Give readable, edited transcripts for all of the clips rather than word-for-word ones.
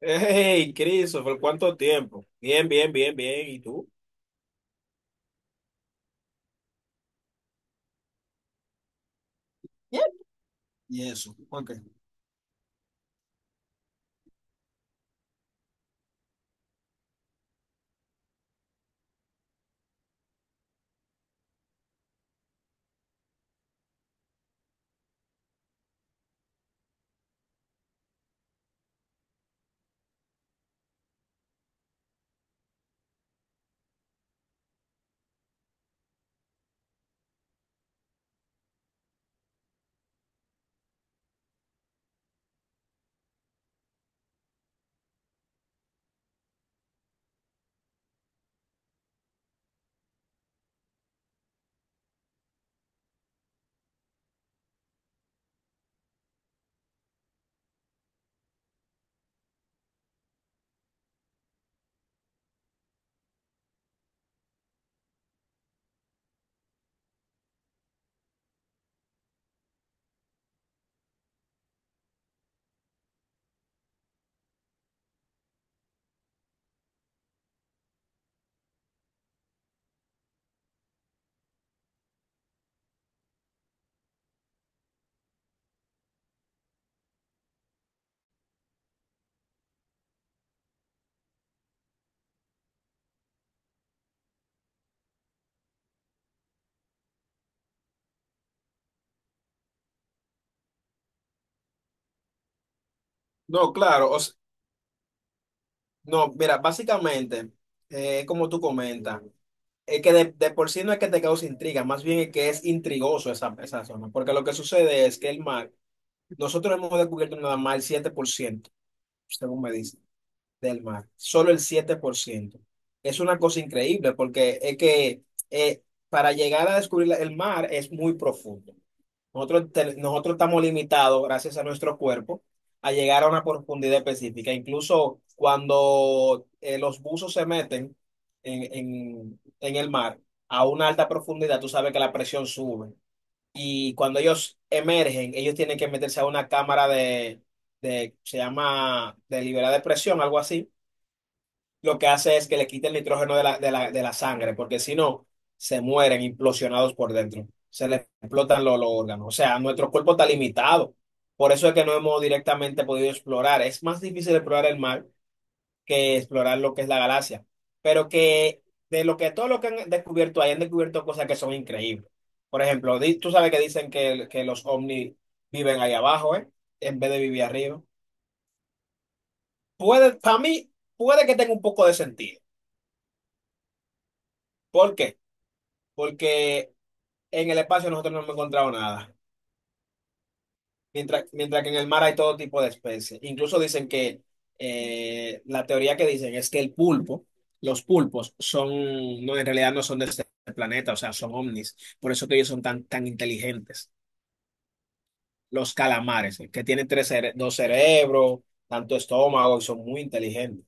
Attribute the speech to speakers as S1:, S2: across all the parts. S1: Hey, Christopher, ¿cuánto tiempo? Bien, bien, bien, bien. ¿Y tú? No, claro, no, mira, básicamente, como tú comentas, es que de por sí no es que te cause intriga, más bien es que es intrigoso esa zona, porque lo que sucede es que el mar, nosotros hemos descubierto nada más el 7%, según me dicen, del mar, solo el 7%. Es una cosa increíble, porque es que eh, para llegar a descubrir el mar es muy profundo. Nosotros estamos limitados, gracias a nuestro cuerpo, a llegar a una profundidad específica. Incluso cuando los buzos se meten en el mar a una alta profundidad, tú sabes que la presión sube. Y cuando ellos emergen, ellos tienen que meterse a una cámara de, se llama, de liberar de presión, algo así lo que hace es que le quita el nitrógeno de la sangre, porque si no, se mueren implosionados por dentro, se les explotan los órganos. O sea, nuestro cuerpo está limitado. Por eso es que no hemos directamente podido explorar. Es más difícil explorar el mar que explorar lo que es la galaxia. Pero que de lo que todo lo que han descubierto ahí, han descubierto cosas que son increíbles. Por ejemplo, tú sabes que dicen que los ovnis viven ahí abajo, ¿eh? En vez de vivir arriba. Puede, para mí, puede que tenga un poco de sentido. ¿Por qué? Porque en el espacio nosotros no hemos encontrado nada, mientras que en el mar hay todo tipo de especies. Incluso dicen que la teoría que dicen es que el pulpo, los pulpos son, no, en realidad no son de este planeta, o sea, son ovnis, por eso que ellos son tan, tan inteligentes. Los calamares, que tienen dos cerebros, tanto estómago, y son muy inteligentes.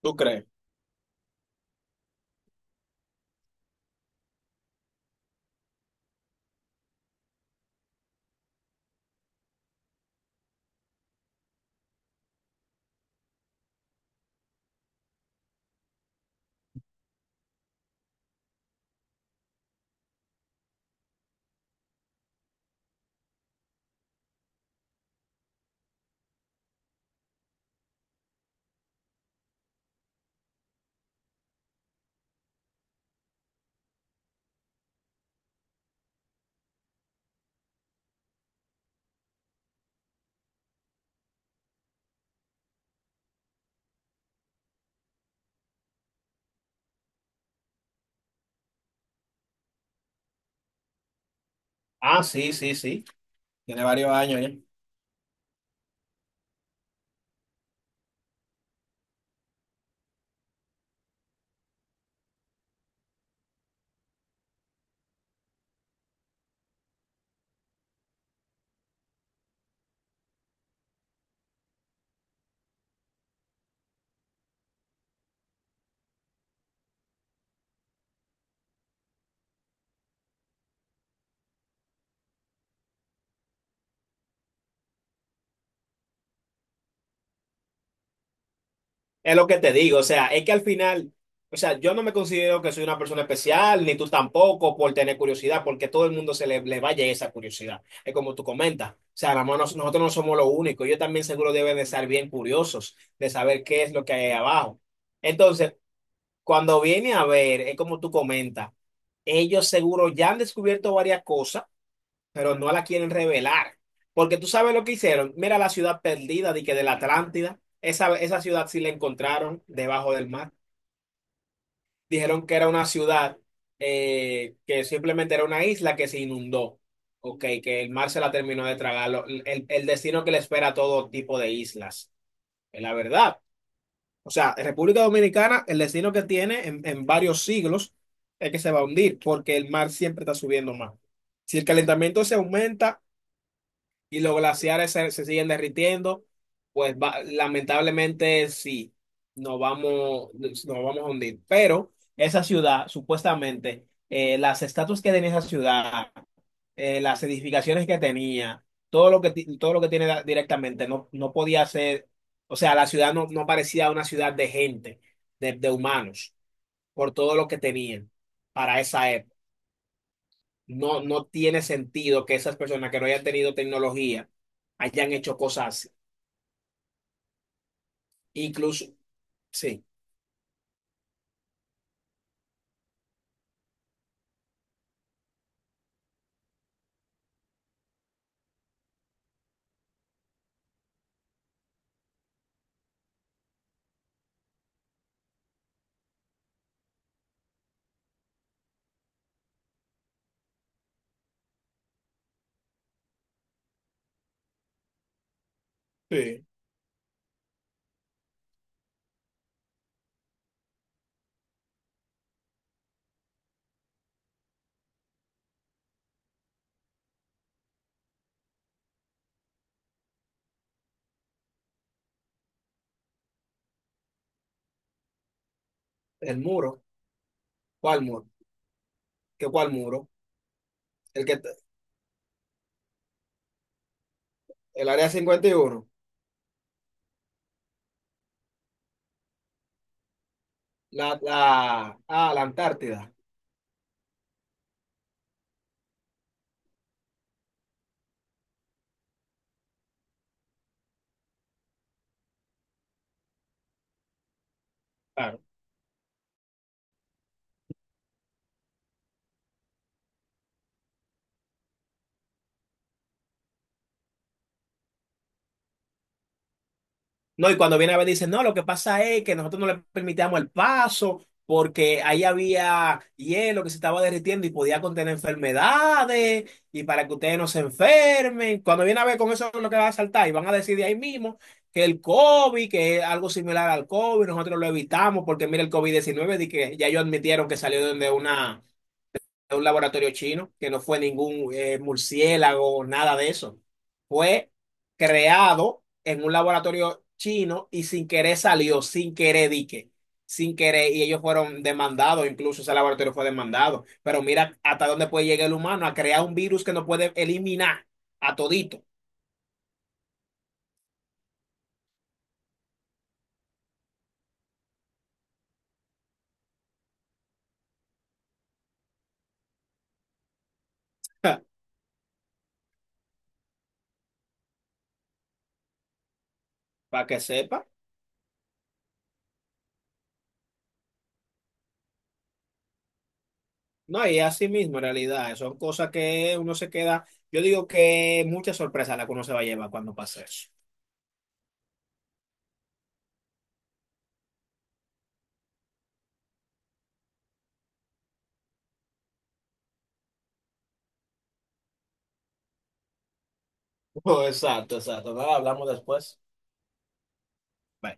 S1: ¿Tú crees? Ah, sí, sí, sí. Tiene varios años ya. Es lo que te digo, o sea, es que al final, o sea, yo no me considero que soy una persona especial, ni tú tampoco, por tener curiosidad, porque todo el mundo se le vaya esa curiosidad. Es como tú comentas, o sea, nada más nosotros no somos los únicos, ellos también seguro deben de estar bien curiosos de saber qué es lo que hay ahí abajo. Entonces, cuando viene a ver, es como tú comentas, ellos seguro ya han descubierto varias cosas pero no la quieren revelar. Porque tú sabes lo que hicieron. Mira la ciudad perdida de que de la Atlántida. Esa ciudad sí la encontraron debajo del mar. Dijeron que era una ciudad que simplemente era una isla que se inundó. Ok, que el mar se la terminó de tragar. El destino que le espera a todo tipo de islas. Es la verdad. O sea, en República Dominicana, el destino que tiene en varios siglos es que se va a hundir porque el mar siempre está subiendo más. Si el calentamiento se aumenta, y los glaciares se siguen derritiendo, pues lamentablemente sí, nos vamos a hundir. Pero esa ciudad, supuestamente, las estatuas que tenía esa ciudad, las edificaciones que tenía, todo lo que, todo lo que tiene directamente, no, no podía ser, o sea, la ciudad no parecía una ciudad de gente, de humanos, por todo lo que tenían para esa época. No, no tiene sentido que esas personas que no hayan tenido tecnología hayan hecho cosas así. Incluso, sí, sí, el muro. ¿Cuál muro? ¿Qué cuál muro? El que, el área 51 la Antártida. Claro. No, y cuando viene a ver, dicen, no, lo que pasa es que nosotros no le permitíamos el paso porque ahí había hielo que se estaba derritiendo y podía contener enfermedades y para que ustedes no se enfermen. Cuando viene a ver con eso es lo que va a saltar y van a decir de ahí mismo que el COVID, que es algo similar al COVID, nosotros lo evitamos porque mira el COVID-19 di que ya ellos admitieron que salió de una un laboratorio chino, que no fue ningún murciélago, nada de eso. Fue creado en un laboratorio chino y sin querer salió, sin querer dique, sin querer, y ellos fueron demandados, incluso ese laboratorio fue demandado. Pero mira hasta dónde puede llegar el humano a crear un virus que no puede eliminar a todito, para que sepa. No, y así mismo, en realidad, son cosas que uno se queda. Yo digo que muchas sorpresas la que uno se va a llevar cuando pase eso. Oh, exacto, exacto. Nada, hablamos después. Bye.